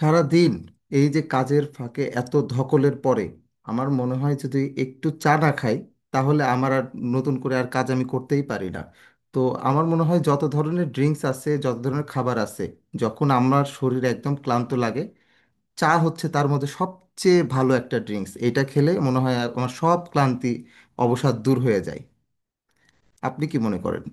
সারাদিন এই যে কাজের ফাঁকে এত ধকলের পরে আমার মনে হয় যদি একটু চা না খাই, তাহলে আমার আর নতুন করে আর কাজ আমি করতেই পারি না। তো আমার মনে হয় যত ধরনের ড্রিঙ্কস আছে, যত ধরনের খাবার আছে, যখন আমার শরীর একদম ক্লান্ত লাগে, চা হচ্ছে তার মধ্যে সবচেয়ে ভালো একটা ড্রিঙ্কস। এটা খেলে মনে হয় আমার সব ক্লান্তি অবসাদ দূর হয়ে যায়। আপনি কি মনে করেন?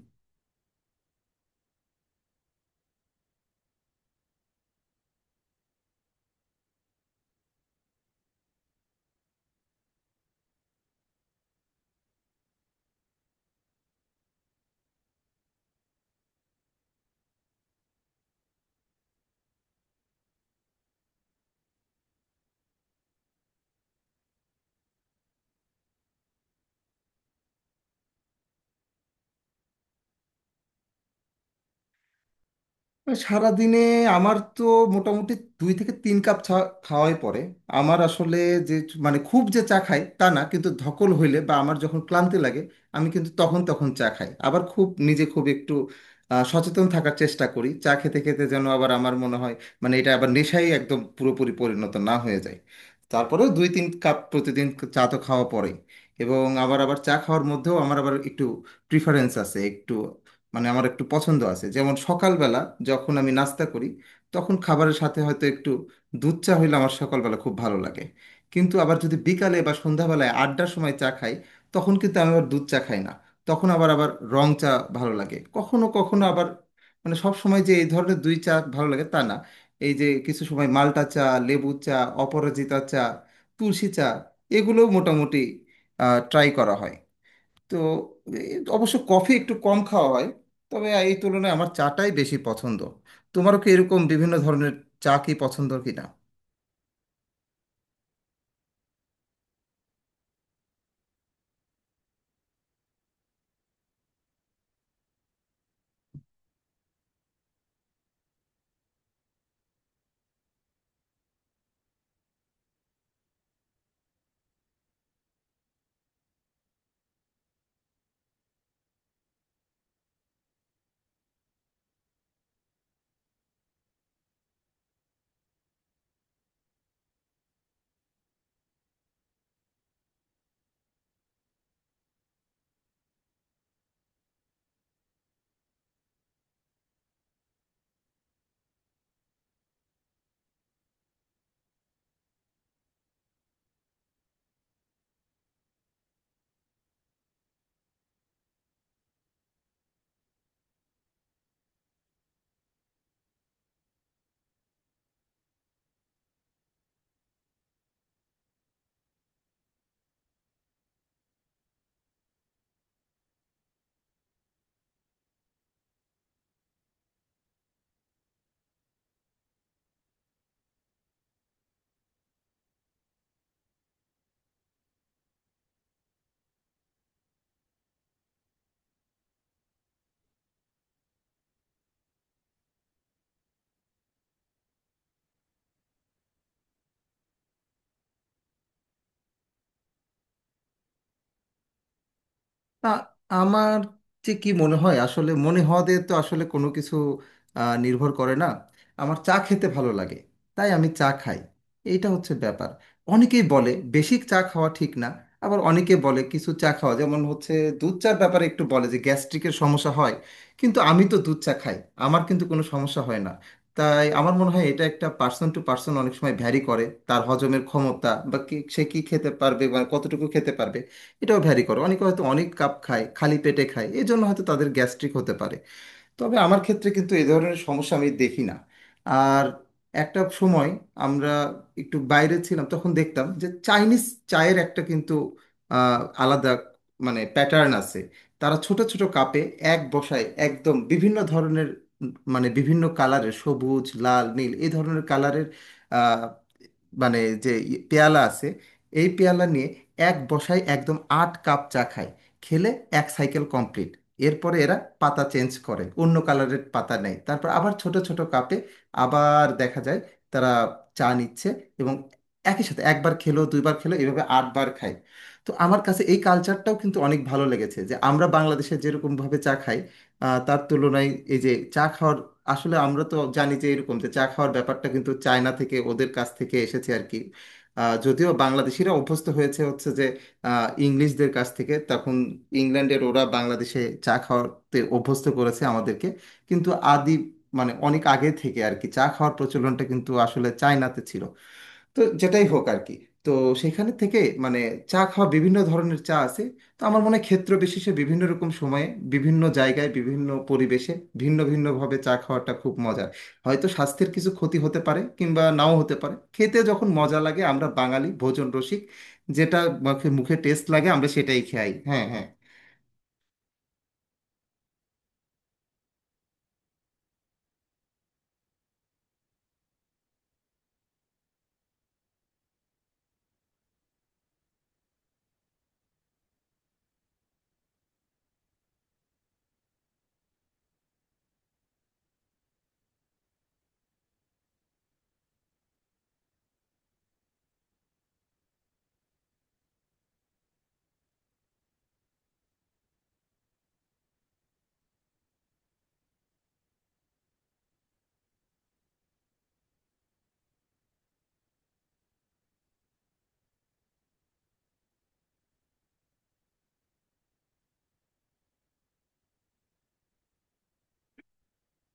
সারাদিনে আমার তো মোটামুটি দুই থেকে তিন কাপ চা খাওয়াই পড়ে। আমার আসলে যে মানে খুব যে চা খাই তা না, কিন্তু ধকল হইলে বা আমার যখন ক্লান্তি লাগে আমি কিন্তু তখন তখন চা খাই। আবার খুব নিজে খুব একটু সচেতন থাকার চেষ্টা করি চা খেতে খেতে, যেন আবার আমার মনে হয় মানে এটা আবার নেশায় একদম পুরোপুরি পরিণত না হয়ে যায়। তারপরেও দুই তিন কাপ প্রতিদিন চা তো খাওয়া পড়ে। এবং আবার আবার চা খাওয়ার মধ্যেও আমার আবার একটু প্রিফারেন্স আছে, একটু মানে আমার একটু পছন্দ আছে। যেমন সকালবেলা যখন আমি নাস্তা করি, তখন খাবারের সাথে হয়তো একটু দুধ চা হইলে আমার সকালবেলা খুব ভালো লাগে। কিন্তু আবার যদি বিকালে বা সন্ধ্যাবেলায় আড্ডার সময় চা খাই, তখন কিন্তু আমি আবার দুধ চা খাই না। তখন আবার আবার রং চা ভালো লাগে। কখনো কখনো আবার মানে সব সময় যে এই ধরনের দুই চা ভালো লাগে তা না। এই যে কিছু সময় মাল্টা চা, লেবু চা, অপরাজিতা চা, তুলসী চা, এগুলো মোটামুটি ট্রাই করা হয়। তো এই অবশ্য কফি একটু কম খাওয়া হয়, তবে এই তুলনায় আমার চাটাই বেশি পছন্দ। তোমারও কি এরকম বিভিন্ন ধরনের চা কি পছন্দ কিনা? না, আমার যে কি মনে হয় আসলে মনে হওয়া দিয়ে তো আসলে কোনো কিছু নির্ভর করে না। আমার চা খেতে ভালো লাগে, তাই আমি চা খাই। এইটা হচ্ছে ব্যাপার। অনেকেই বলে বেশি চা খাওয়া ঠিক না, আবার অনেকে বলে কিছু চা খাওয়া যেমন হচ্ছে দুধ চার ব্যাপারে একটু বলে যে গ্যাস্ট্রিকের সমস্যা হয়। কিন্তু আমি তো দুধ চা খাই, আমার কিন্তু কোনো সমস্যা হয় না। তাই আমার মনে হয় এটা একটা পার্সন টু পার্সন অনেক সময় ভ্যারি করে, তার হজমের ক্ষমতা বা সে কি খেতে পারবে বা কতটুকু খেতে পারবে এটাও ভ্যারি করে। অনেকে হয়তো অনেক কাপ খায়, খালি পেটে খায়, এই জন্য হয়তো তাদের গ্যাস্ট্রিক হতে পারে। তবে আমার ক্ষেত্রে কিন্তু এ ধরনের সমস্যা আমি দেখি না। আর একটা সময় আমরা একটু বাইরে ছিলাম, তখন দেখতাম যে চাইনিজ চায়ের একটা কিন্তু আলাদা মানে প্যাটার্ন আছে। তারা ছোট ছোট কাপে এক বসায় একদম বিভিন্ন ধরনের মানে বিভিন্ন কালারের, সবুজ লাল নীল এই ধরনের কালারের মানে যে পেয়ালা আছে, এই পেয়ালা নিয়ে এক বসায় একদম আট কাপ চা খায়। খেলে এক সাইকেল কমপ্লিট। এরপরে এরা পাতা চেঞ্জ করে, অন্য কালারের পাতা নেয়, তারপর আবার ছোট ছোট কাপে আবার দেখা যায় তারা চা নিচ্ছে। এবং একই সাথে একবার খেলো, দুইবার খেলো, এভাবে আটবার খায়। তো আমার কাছে এই কালচারটাও কিন্তু অনেক ভালো লেগেছে, যে আমরা বাংলাদেশে যেরকম ভাবে চা খাই তার তুলনায় এই যে চা খাওয়ার, আসলে আমরা তো জানি যে এরকম যে চা খাওয়ার ব্যাপারটা কিন্তু চায়না থেকে ওদের কাছ থেকে এসেছে আর কি। যদিও বাংলাদেশিরা অভ্যস্ত হয়েছে হচ্ছে যে ইংলিশদের কাছ থেকে, তখন ইংল্যান্ডের ওরা বাংলাদেশে চা খাওয়াতে অভ্যস্ত করেছে আমাদেরকে। কিন্তু আদি মানে অনেক আগে থেকে আর কি চা খাওয়ার প্রচলনটা কিন্তু আসলে চায়নাতে ছিল। তো যেটাই হোক আর কি, তো সেখানে থেকে মানে চা খাওয়া বিভিন্ন ধরনের চা আছে। তো আমার মনে হয় ক্ষেত্র বিশেষে বিভিন্ন রকম সময়ে, বিভিন্ন জায়গায়, বিভিন্ন পরিবেশে ভিন্ন ভিন্নভাবে চা খাওয়াটা খুব মজার। হয়তো স্বাস্থ্যের কিছু ক্ষতি হতে পারে কিংবা নাও হতে পারে, খেতে যখন মজা লাগে আমরা বাঙালি ভোজন রসিক, যেটা মুখে মুখে টেস্ট লাগে আমরা সেটাই খাই। হ্যাঁ, হ্যাঁ।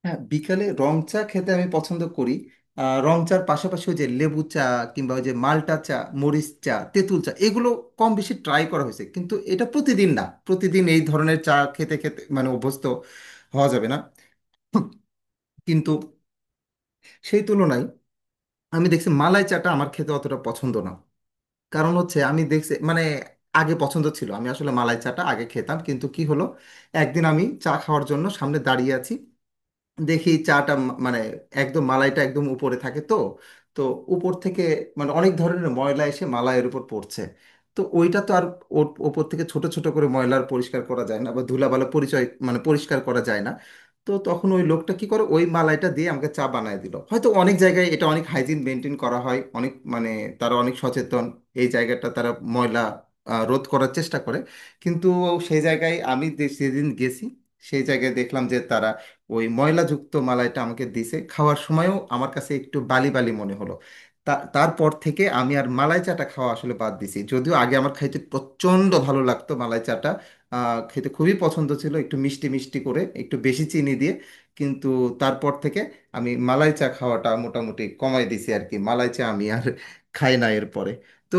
হ্যাঁ, বিকালে রং চা খেতে আমি পছন্দ করি। রং চার পাশাপাশি ওই যে লেবু চা কিংবা ওই যে মাল্টা চা, মরিচ চা, তেঁতুল চা, এগুলো কম বেশি ট্রাই করা হয়েছে। কিন্তু এটা প্রতিদিন না, প্রতিদিন এই ধরনের চা খেতে খেতে মানে অভ্যস্ত হওয়া যাবে না। কিন্তু সেই তুলনায় আমি দেখছি মালাই চাটা আমার খেতে অতটা পছন্দ না। কারণ হচ্ছে আমি দেখছি মানে আগে পছন্দ ছিল, আমি আসলে মালাই চাটা আগে খেতাম, কিন্তু কি হলো, একদিন আমি চা খাওয়ার জন্য সামনে দাঁড়িয়ে আছি, দেখি চাটা মানে একদম মালাইটা একদম উপরে থাকে তো। তো উপর থেকে মানে অনেক ধরনের ময়লা এসে মালাইয়ের উপর পড়ছে। তো ওইটা তো আর ওর ওপর থেকে ছোট ছোট করে ময়লার পরিষ্কার করা যায় না বা ধুলাবালা পরিচয় মানে পরিষ্কার করা যায় না। তো তখন ওই লোকটা কি করে ওই মালাইটা দিয়ে আমাকে চা বানায় দিল। হয়তো অনেক জায়গায় এটা অনেক হাইজিন মেনটেন করা হয়, অনেক মানে তারা অনেক সচেতন, এই জায়গাটা তারা ময়লা রোধ করার চেষ্টা করে। কিন্তু সেই জায়গায় আমি সেদিন গেছি, সেই জায়গায় দেখলাম যে তারা ওই ময়লাযুক্ত মালাইটা আমাকে দিছে। খাওয়ার সময়ও আমার কাছে একটু বালি বালি মনে হলো। তা তারপর থেকে আমি আর মালাই চাটা খাওয়া আসলে বাদ দিছি, যদিও আগে আমার খাইতে প্রচণ্ড ভালো লাগতো মালাই চাটা। খেতে খুবই পছন্দ ছিল, একটু মিষ্টি মিষ্টি করে একটু বেশি চিনি দিয়ে। কিন্তু তারপর থেকে আমি মালাই চা খাওয়াটা মোটামুটি কমাই দিছি আর কি। মালাই চা আমি আর খাই না এরপরে। তো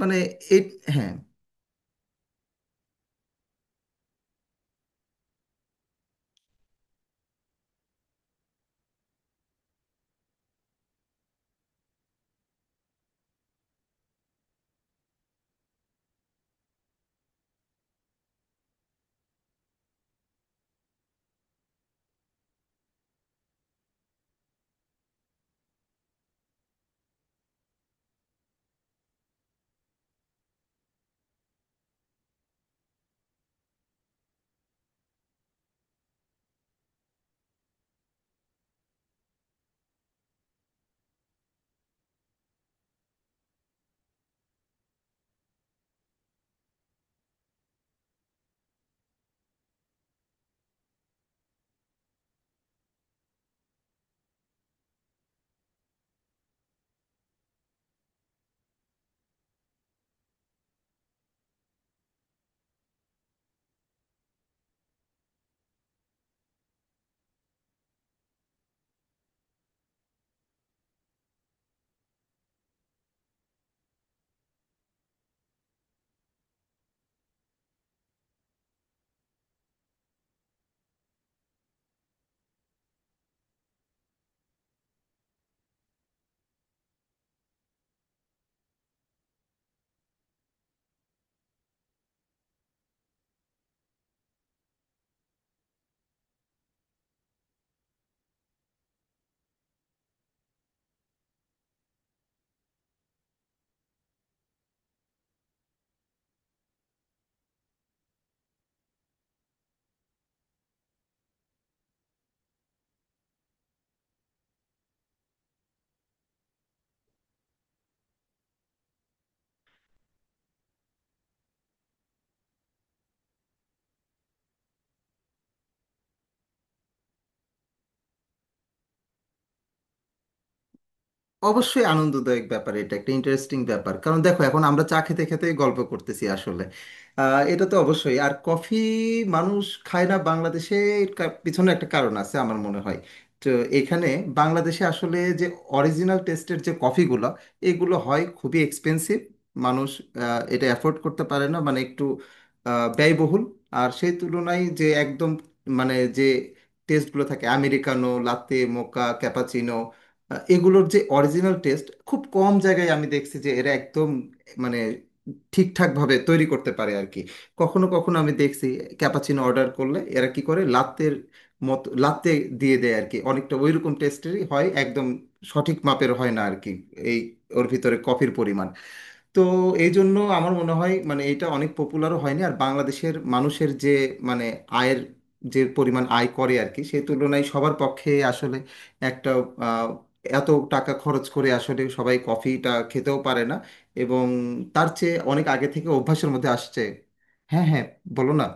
মানে এই। হ্যাঁ, অবশ্যই আনন্দদায়ক ব্যাপার। এটা একটা ইন্টারেস্টিং ব্যাপার, কারণ দেখো এখন আমরা চা খেতে খেতে গল্প করতেছি আসলে। এটা তো অবশ্যই। আর কফি মানুষ খায় না বাংলাদেশে। এর পিছনে একটা কারণ আছে আমার মনে হয়। তো এখানে বাংলাদেশে আসলে যে অরিজিনাল টেস্টের যে কফিগুলো, এগুলো হয় খুবই এক্সপেন্সিভ। মানুষ এটা অ্যাফোর্ড করতে পারে না, মানে একটু ব্যয়বহুল। আর সেই তুলনায় যে একদম মানে যে টেস্টগুলো থাকে আমেরিকানো, লাতে, মোকা, ক্যাপাচিনো, এগুলোর যে অরিজিনাল টেস্ট খুব কম জায়গায় আমি দেখছি যে এরা একদম মানে ঠিকঠাকভাবে তৈরি করতে পারে আর কি। কখনো কখনো আমি দেখছি ক্যাপাচিনো অর্ডার করলে এরা কি করে লাত্তের মতো লাত্তে দিয়ে দেয় আর কি, অনেকটা ওইরকম টেস্টেরই হয়, একদম সঠিক মাপের হয় না আর কি, এই ওর ভিতরে কফির পরিমাণ। তো এই জন্য আমার মনে হয় মানে এটা অনেক পপুলারও হয়নি। আর বাংলাদেশের মানুষের যে মানে আয়ের যে পরিমাণ আয় করে আর কি, সেই তুলনায় সবার পক্ষে আসলে একটা আহ, এত টাকা খরচ করে আসলে সবাই কফিটা খেতেও পারে না। এবং তার চেয়ে অনেক আগে থেকে অভ্যাসের মধ্যে আসছে। হ্যাঁ, হ্যাঁ, বলো না।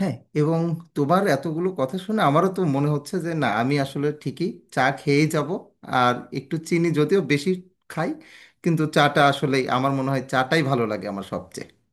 হ্যাঁ। এবং তোমার এতগুলো কথা শুনে আমারও তো মনে হচ্ছে যে না আমি আসলে ঠিকই চা খেয়েই যাব। আর একটু চিনি যদিও বেশি খাই, কিন্তু চাটা আসলে আমার মনে হয় চাটাই ভালো লাগে আমার সবচেয়ে।